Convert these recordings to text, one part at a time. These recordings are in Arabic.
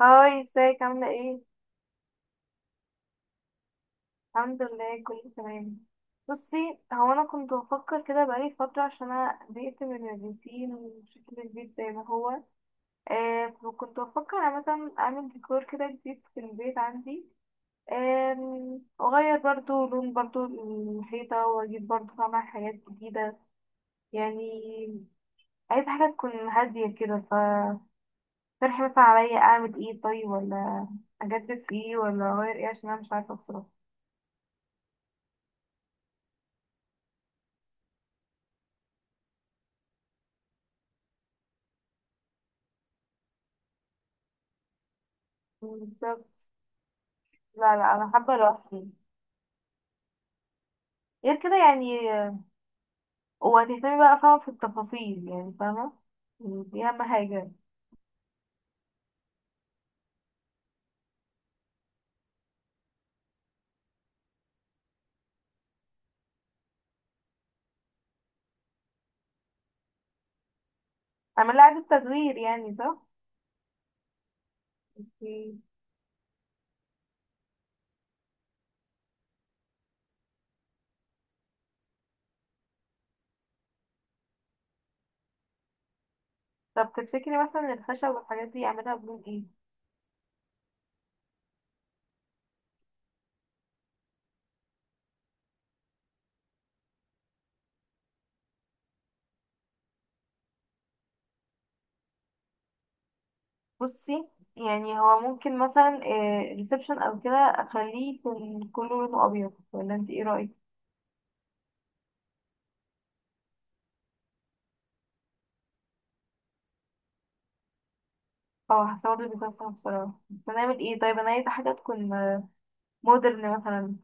هاي، ازيك عاملة ايه؟ الحمد لله، كله تمام. بصي، هو انا كنت بفكر كده بقالي فترة، عشان انا زهقت من الروتين وشكل البيت زي ما هو. فكنت بفكر أنا مثلا اعمل ديكور كده جديد في البيت عندي. واغير برضو لون برضو الحيطة، واجيب برضو طبعا حاجات جديدة. يعني عايزة حاجة تكون هادية كده. فاقترحي مثلا عليا اعمل ايه طيب، ولا اجدد في ايه ولا اغير ايه؟ عشان انا مش عارفة بصراحة. بالظبط. لا، لا، انا حابه لوحدي. غير كده يعني. وهتهتمي بقى، فاهمه في التفاصيل، يعني فاهمه. يعني دي اهم حاجه. اعمل لها اعاده تدوير، يعني صح. مم. طب تفتكري مثلا الخشب والحاجات دي اعملها بلون ايه؟ بصي، يعني هو ممكن مثلا ريسبشن او كده اخليه يكون كله لونه ابيض، ولا انت ايه رايك؟ اه، حاسه برضه بيكون صعب بصراحه، بس هنعمل ايه طيب؟ انا عايزه حاجه تكون مودرن مثلا.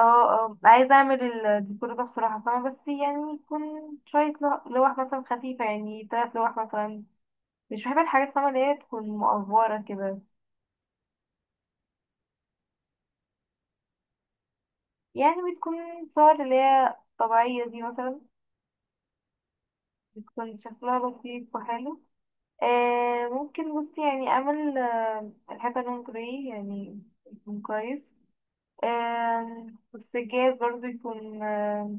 اه، اه، عايزة اعمل الديكور ده بصراحة، فاهمة، بس يعني يكون شوية لوح مثلا خفيفة، يعني تلات لوح مثلا. مش بحب الحاجات، فاهمة، اللي هي تكون مقفرة كده. يعني بتكون صور اللي هي طبيعية دي مثلا، بتكون شكلها لطيف وحلو. ممكن، بصي يعني اعمل الحيطة لون جراي، يعني يكون كويس. آه والسجاد برضه يكون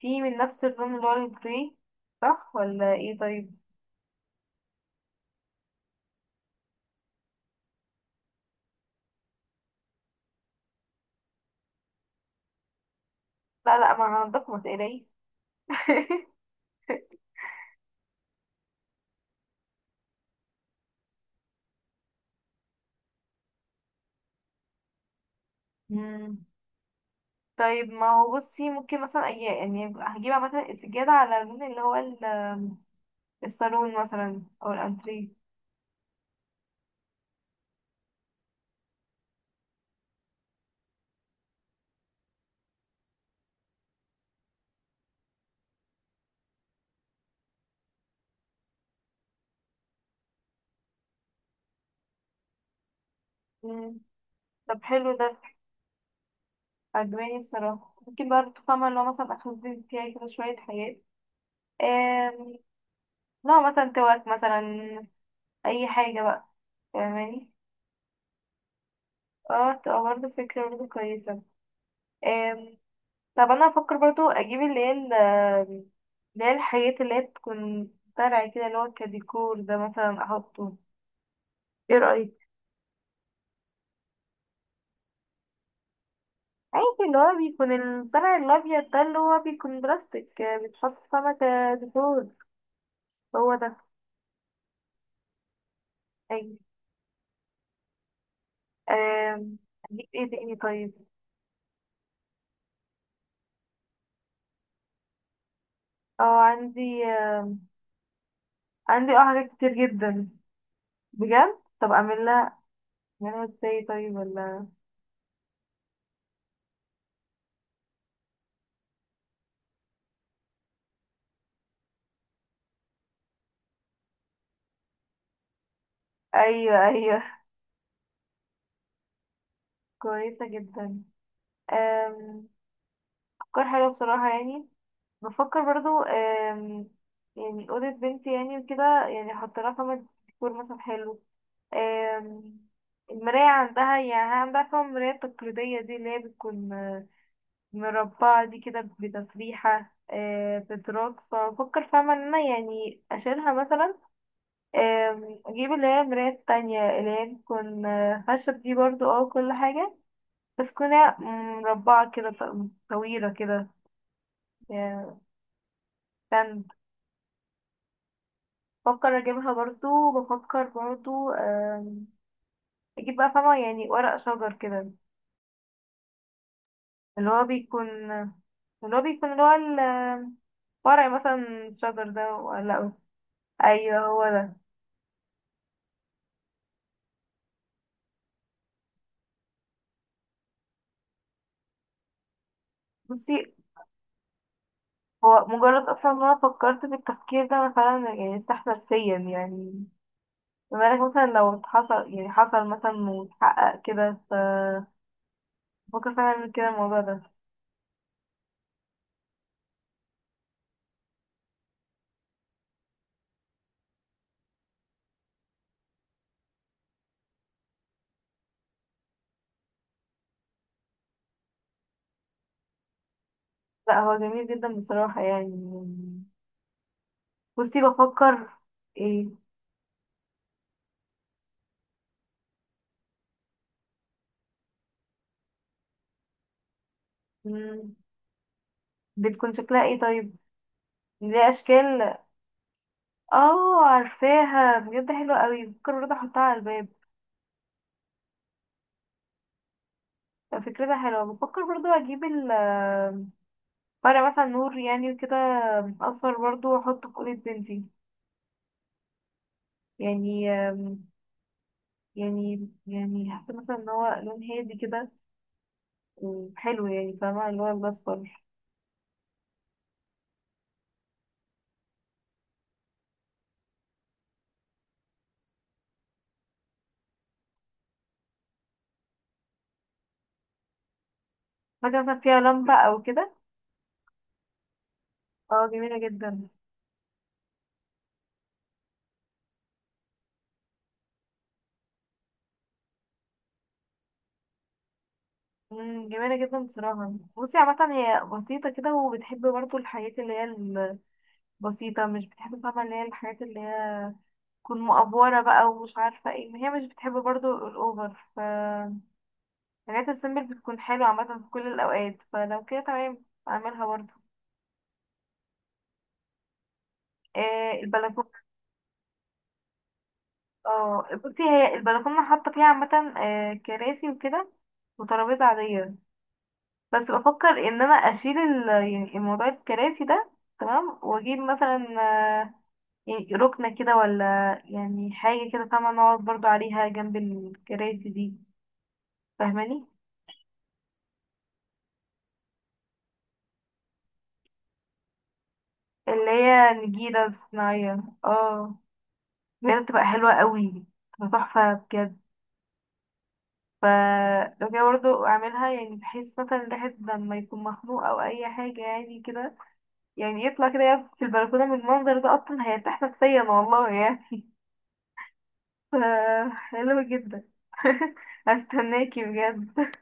فيه من نفس اللون اللي هو الجراي. صح ولا ايه طيب؟ لا، لا، ما هنضف، ما تقلقيش. مم. طيب، ما هو بصي، ممكن مثلا يعني هجيب مثلا السجادة على اللون اللي هو الصالون مثلا أو الأنتريه. مم. طب حلو ده. عجباني بصراحة، ممكن برضه فاهمة اللي هو مثلا أخزن فيها كده شوية حاجات. آم، نوع مثلا توك مثلا، أي حاجة بقى، فاهماني. اه، تبقى برضه فكرة برضه كويسة. آم، طب أنا أفكر برضه أجيب اللي هي اللي هي الحاجات اللي هي بتكون طالعة كده، اللي هو كديكور ده مثلا أحطه. ايه رأيك؟ عادي، اللي هو بيكون الصنع الأبيض ده، اللي هو بيكون بلاستيك بيتحط سمكة ديكور. هو ده. أيوة. آم، أجيب ايه تاني طيب؟ اه، عندي حاجات كتير جدا. بجد، طب أعمل لها أعملها ازاي طيب ولا؟ أيوة، أيوة، كويسة جدا. آم، أفكار حلوة بصراحة يعني. بفكر برضو يعني أوضة بنتي يعني وكده، يعني أحط لها خامة ديكور مثلا حلو. آم، المراية عندها، يعني عندها فيها المراية التقليدية دي اللي هي بتكون مربعة دي كده بتسريحة بدراج، فبفكر فاهمة ان انا يعني اشيلها مثلا. اجيب اللي هي المراية التانية، اللي هي بتكون خشب دي برضو كل حاجة، بس تكون هي مربعة كده، طويلة كده يعني، ستاند. بفكر اجيبها برضو، بفكر برضو اجيب بقى فاهمة يعني ورق شجر كده. اللي هو بيكون اللي هو بيكون فرع مثلا، الشجر ده ولا لأ؟ ايوه، هو ده. بصي، هو مجرد اصلا ان انا فكرت في التفكير ده، انا فعلا يعني ارتحت نفسيا يعني. بما انك مثلا لو حصل، يعني حصل مثلا واتحقق كده، ف بفكر فعلا اعمل كده الموضوع ده. لا، هو جميل جدا بصراحة يعني. بصي بفكر. ايه؟ مم، بتكون شكلها ايه طيب؟ ليه اشكال. اه، عارفاها بجد حلوة قوي، بفكر برضه احطها على الباب. فكرتها حلوة، بفكر برضو اجيب ال فرع مثلا نور يعني كده، اصفر برضو، واحطه في اوضة بنتي. يعني يعني حاسة مثلا ان هو لون هادي كده وحلو، يعني فاهمة اللي هو الاصفر. حاجة مثلا فيها لمبة او كده، اه جميلة جدا. جميلة جدا بصراحة. بصي، عامة هي بسيطة كده، وبتحب برضو الحاجات اللي هي البسيطة، مش بتحب فاهمة اللي هي الحاجات اللي هي تكون مأفورة بقى ومش عارفة ايه، هي مش بتحب برضو الأوفر، ف الحاجات السيمبل بتكون حلوة عامة في كل الأوقات، فلو كده تمام أعملها برضه. البلكونة. اه، بصي هي البلكونة حاطة فيها عامة كراسي وكده، وترابيزة عادية. بس بفكر إن أنا أشيل يعني الموضوع الكراسي ده، تمام، وأجيب مثلا آه، يعني ركنة كده، ولا يعني حاجة كده فاهمة، نقعد برضه عليها جنب الكراسي دي، فاهماني؟ اللي هي نجيلة صناعية، اه بجد بتبقى حلوة قوي، بتبقى تحفة بجد. فلو كده برضه اعملها، يعني بحيث مثلا الواحد لما يكون مخنوق او اي حاجة يعني كده، يعني يطلع كده، يقف في البلكونة، من المنظر ده اصلا هيرتاح نفسيا والله يعني. ف حلو جدا. هستناكي بجد.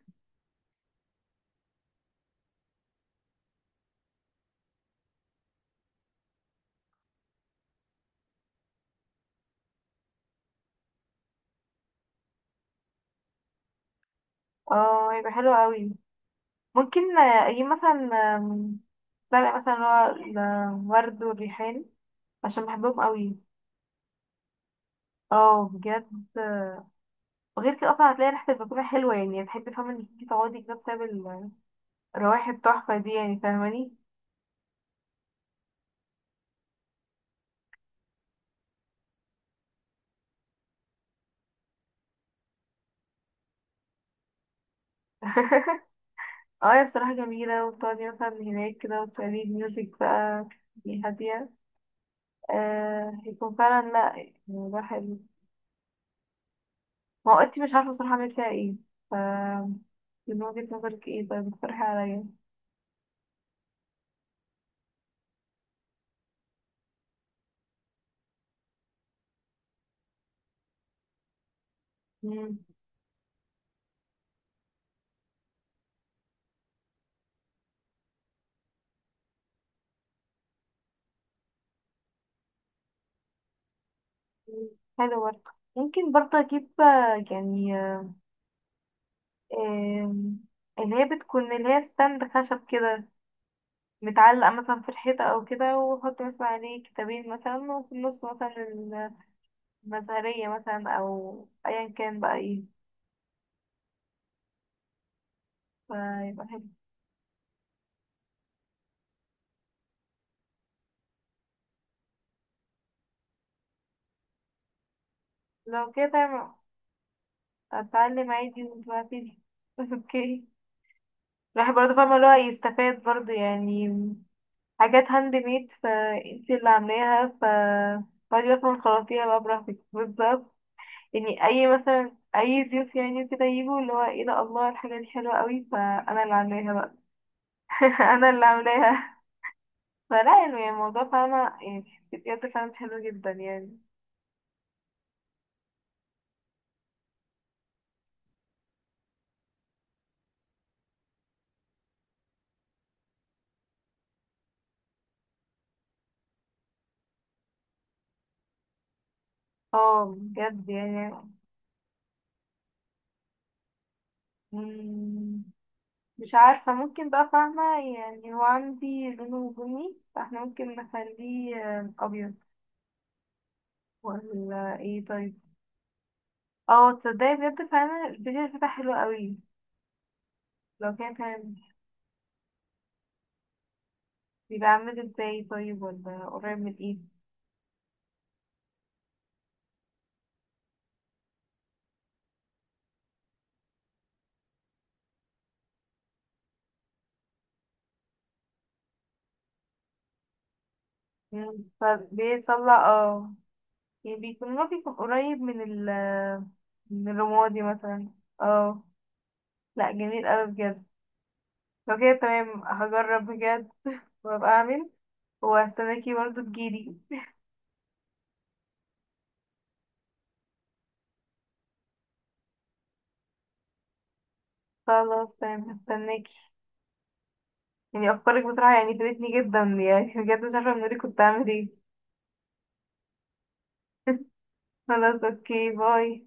اه، هيبقى حلو قوي. ممكن اجيب مثلا آم، ورق مثلا اللي هو الورد والريحان، عشان بحبهم قوي. اه بجد. وغير كده اصلا هتلاقي ريحة البلكونة حلوة، يعني هتحبي فاهمة انك انتي تقعدي كده بسبب الروايح التحفة دي، يعني فاهماني. اه، هي بصراحة جميلة، وتقعدي مثلا هناك كده، وتشغلي ميوزك بقى، تبقي هادية. هيكون فعلا، لا، الموضوع حلو. ما هو انتي مش عارفة بصراحة اعمل فيها ايه، ف من وجهة نظرك ايه طيب، اقترحي عليا. مم. حلو برضه. ممكن برضه اجيب يعني آه اللي هي ستاند خشب كده، متعلقة مثلا في الحيطة أو كده، وأحط مثلا عليه كتابين مثلا، وفي النص مثلا المزهرية مثلا، أو أيا كان بقى إيه، فيبقى حلو. لو كده تمام، اتعلم عادي دلوقتي. اوكي. الواحد برضه فاهمة اللي هو يستفاد برضه يعني، حاجات هاند ميد فانتي اللي عاملاها، ف فاضي اصلا، خلاصيها بقى براحتك، بالظبط. يعني اي مثلا اي ضيوف يعني كده يجوا، اللي هو ايه ده، الله الحاجة دي حلوة قوي، فانا اللي عاملاها بقى. انا اللي عاملاها، فلا يعني الموضوع فاهمة، يعني بجد فعلا حلو جدا يعني. اه بجد يعني. مم. مش عارفة، ممكن بقى فاهمة، يعني هو عندي لونه بني، فاحنا ممكن نخليه أبيض، ولا ايه طيب؟ اه، تصدقي بجد فعلا البيج الفتح حلو قوي. لو كان بيبقى عامل ازاي طيب، ولا قريب من ايه؟ فبيطلع يعني بيكون، هو بيكون قريب من ال من الرمادي مثلا. اه، لا جميل قوي بجد. لو كده تمام، هجرب بجد وابقى اعمل، وهستناكي برضه تجيلي. خلاص تمام، هستناكي. يعني افكارك بصراحة يعني فادتني جدا يعني، بجد مش عارفة من غيرك كنت هعمل ايه. خلاص اوكي، باي.